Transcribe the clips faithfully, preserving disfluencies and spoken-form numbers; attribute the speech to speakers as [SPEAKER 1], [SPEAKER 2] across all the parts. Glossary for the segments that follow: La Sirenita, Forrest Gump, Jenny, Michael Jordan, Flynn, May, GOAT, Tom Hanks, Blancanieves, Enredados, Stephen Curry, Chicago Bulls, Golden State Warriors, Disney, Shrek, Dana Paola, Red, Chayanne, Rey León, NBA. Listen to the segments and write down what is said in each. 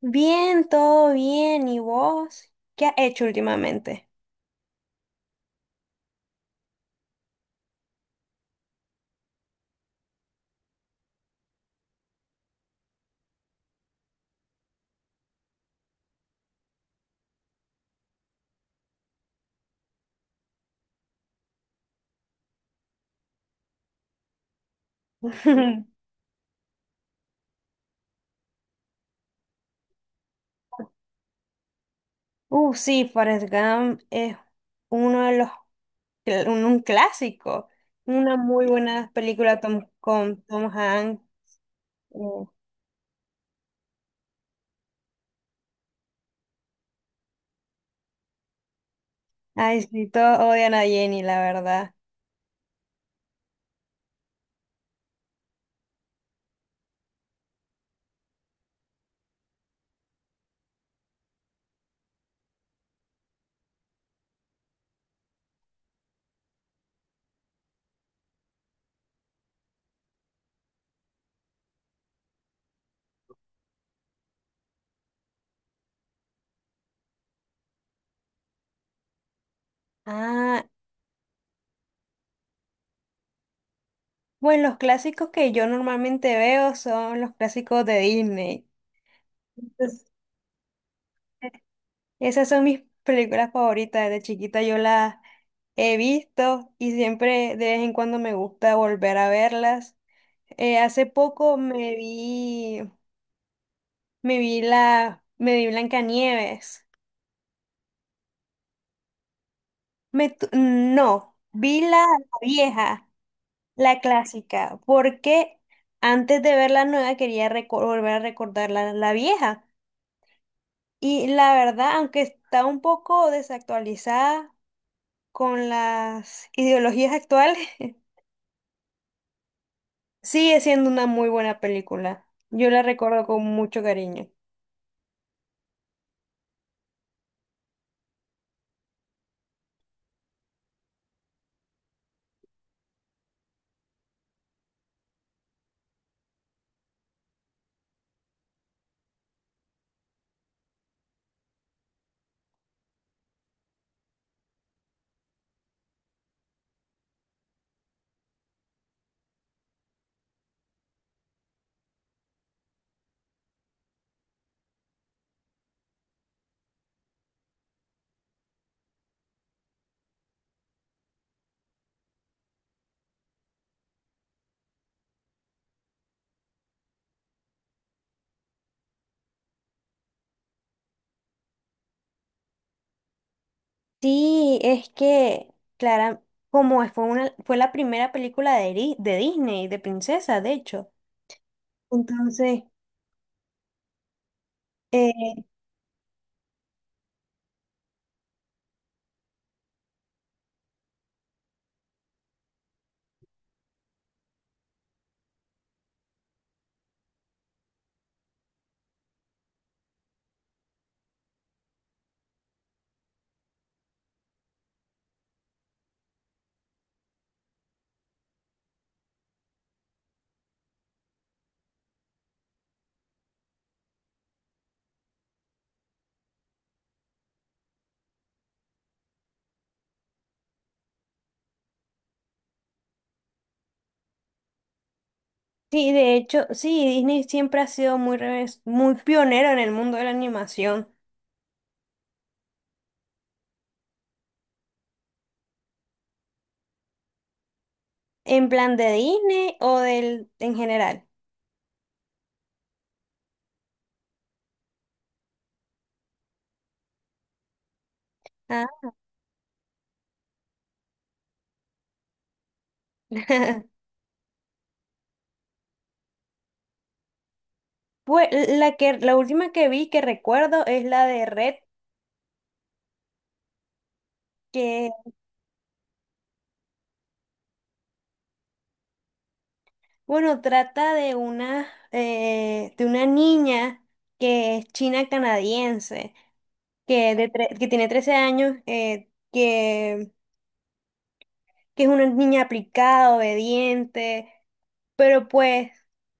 [SPEAKER 1] Bien, todo bien. ¿Y vos? ¿Qué has hecho últimamente? Uh, sí, Forrest Gump es uno de los, cl- un, un clásico. Una muy buena película Tom- con Tom Hanks. Eh, Ay, sí, todos odian a Jenny, la verdad. Ah, bueno, los clásicos que yo normalmente veo son los clásicos de Disney. Esas son mis películas favoritas. Desde chiquita yo las he visto y siempre de vez en cuando me gusta volver a verlas. Eh, hace poco me vi, me vi la, me vi Blancanieves. Me tu- no, vi la, la vieja, la clásica, porque antes de ver la nueva quería reco- volver a recordar la, la vieja. Y la verdad, aunque está un poco desactualizada con las ideologías actuales, sigue siendo una muy buena película. Yo la recuerdo con mucho cariño. Sí, es que, Clara, como fue una, fue la primera película de, Ri- de Disney, de princesa, de hecho. Entonces, eh, sí, de hecho, sí, Disney siempre ha sido muy, revés- muy pionero en el mundo de la animación. ¿En plan de Disney o del, en general? Ah, Pues la que, la última que vi que recuerdo es la de Red. Que Bueno, trata de una, eh, de una niña que es china canadiense, que, de tre- que tiene trece años, eh, que, que es una niña aplicada, obediente, pero pues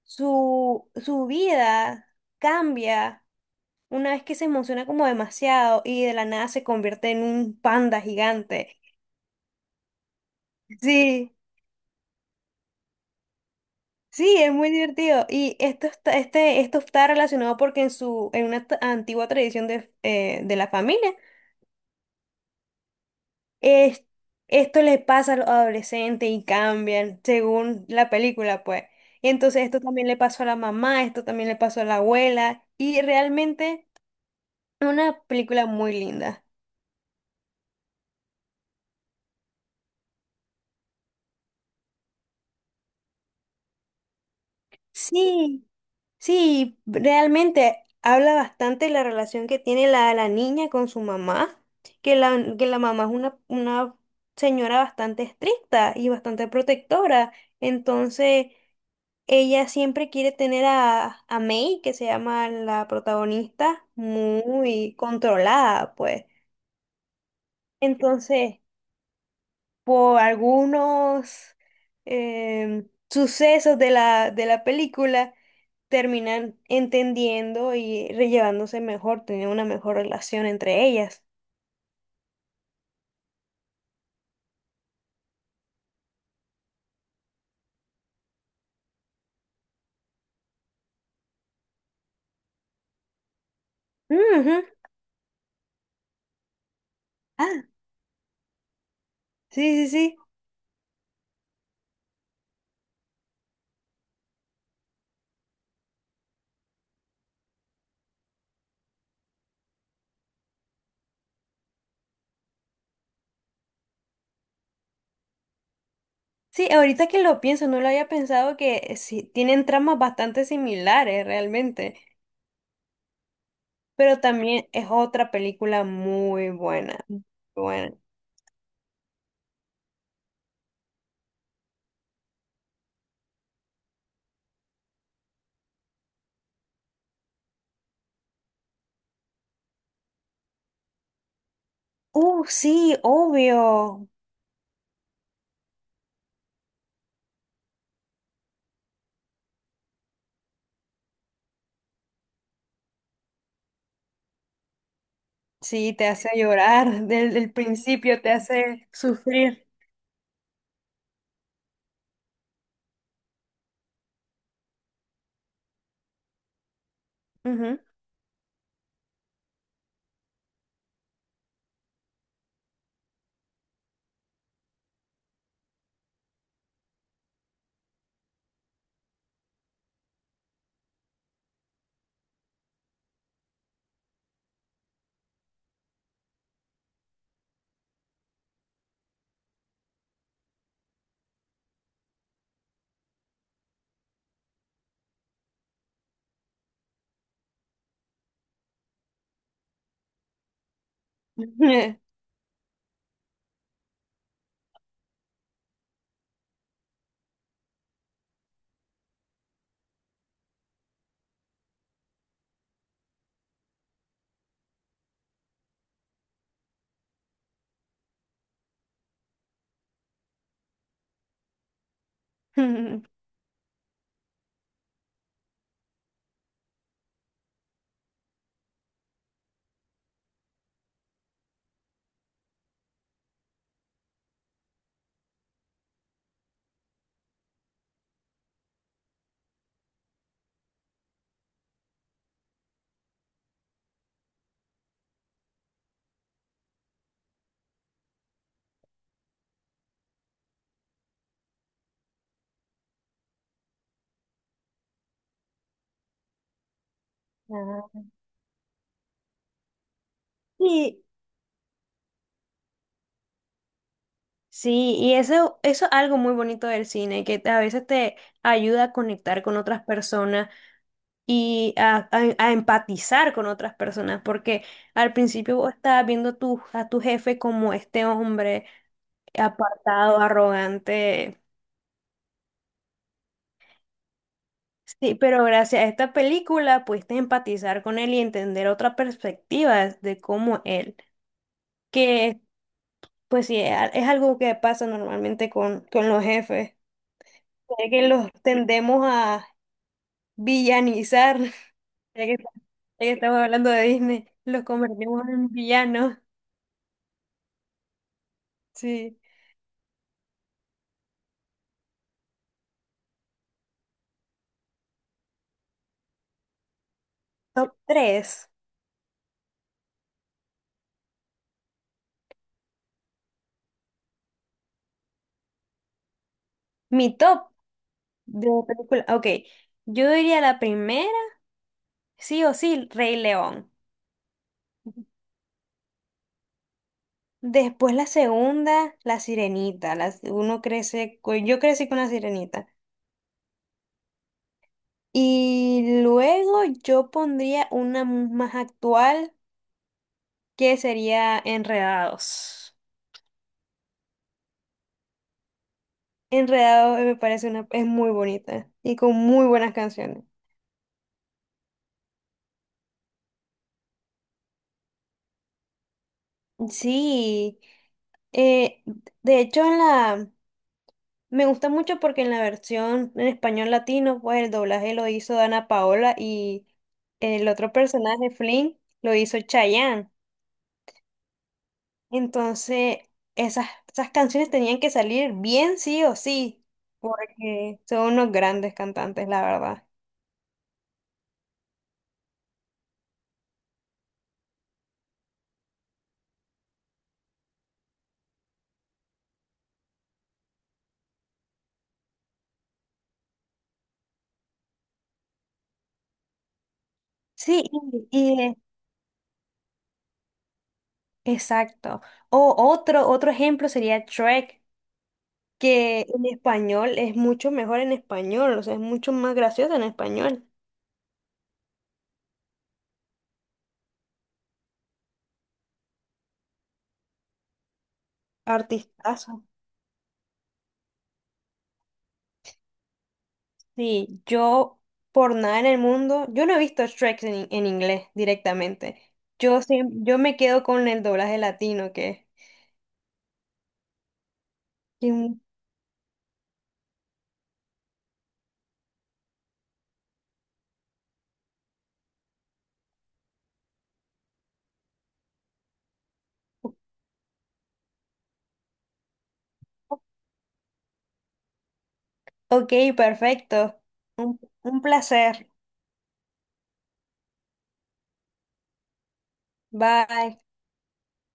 [SPEAKER 1] su, su vida cambia una vez que se emociona como demasiado y de la nada se convierte en un panda gigante. Sí, Sí, es muy divertido. Y esto está, este, esto está relacionado porque en su, en una t- antigua tradición de, eh, de la familia, es- esto le pasa a los adolescentes y cambian según la película, pues. Y entonces esto también le pasó a la mamá, esto también le pasó a la abuela. Y realmente una película muy linda. Sí. Sí, realmente habla bastante la relación que tiene la, la niña con su mamá, que la, que la mamá es una, una señora bastante estricta y bastante protectora. Entonces, ella siempre quiere tener a, a May, que se llama la protagonista, muy controlada, pues. Entonces, por algunos em, sucesos de la, de la película, terminan entendiendo y rellevándose mejor, tener una mejor relación entre ellas. Ujú. Ah, sí, sí, sí. Sí, ahorita que lo pienso, no lo había pensado que eh, sí, tienen tramas bastante similares realmente, pero también es otra película muy buena. Muy buena. Uh, sí, obvio. Sí, te hace llorar, desde el principio te hace sufrir. Ujú. Ajá. Y sí, y eso, eso es algo muy bonito del cine, que a veces te ayuda a conectar con otras personas y a, a- a empatizar con otras personas, porque al principio vos estabas viendo tu, a tu jefe como este hombre apartado, arrogante. Sí, pero gracias a esta película pudiste empatizar con él y entender otra perspectiva de cómo él, que pues sí, es a- es algo que pasa normalmente con, con los jefes, de que los tendemos a villanizar, ya que, ya que estamos hablando de Disney, los convertimos en villanos. Sí. Top tres. Mi top de película. Ok, yo diría la primera, sí o sí, Rey León. Después la segunda, la Sirenita. Las- uno crece, con yo crecí con la Sirenita. Y luego yo pondría una mu- más actual que sería Enredados. Enredados, eh, me parece una, es muy bonita y con muy buenas canciones. Sí, eh, de hecho en la, me gusta mucho porque en la versión en español latino, pues el doblaje lo hizo Dana Paola y el otro personaje, Flynn, lo hizo Chayanne. Entonces, esas, esas canciones tenían que salir bien sí o sí, porque son unos grandes cantantes, la verdad. Sí, y, y, eh, exacto. O otro, otro ejemplo sería Shrek, que en español es mucho mejor en español, o sea, es mucho más gracioso en español. Artistazo. Sí, yo por nada en el mundo, yo no he visto Shrek en, en inglés directamente. Yo, siem- yo me quedo con el doblaje latino, que, que es un... Ok, perfecto. Un, un placer. Bye.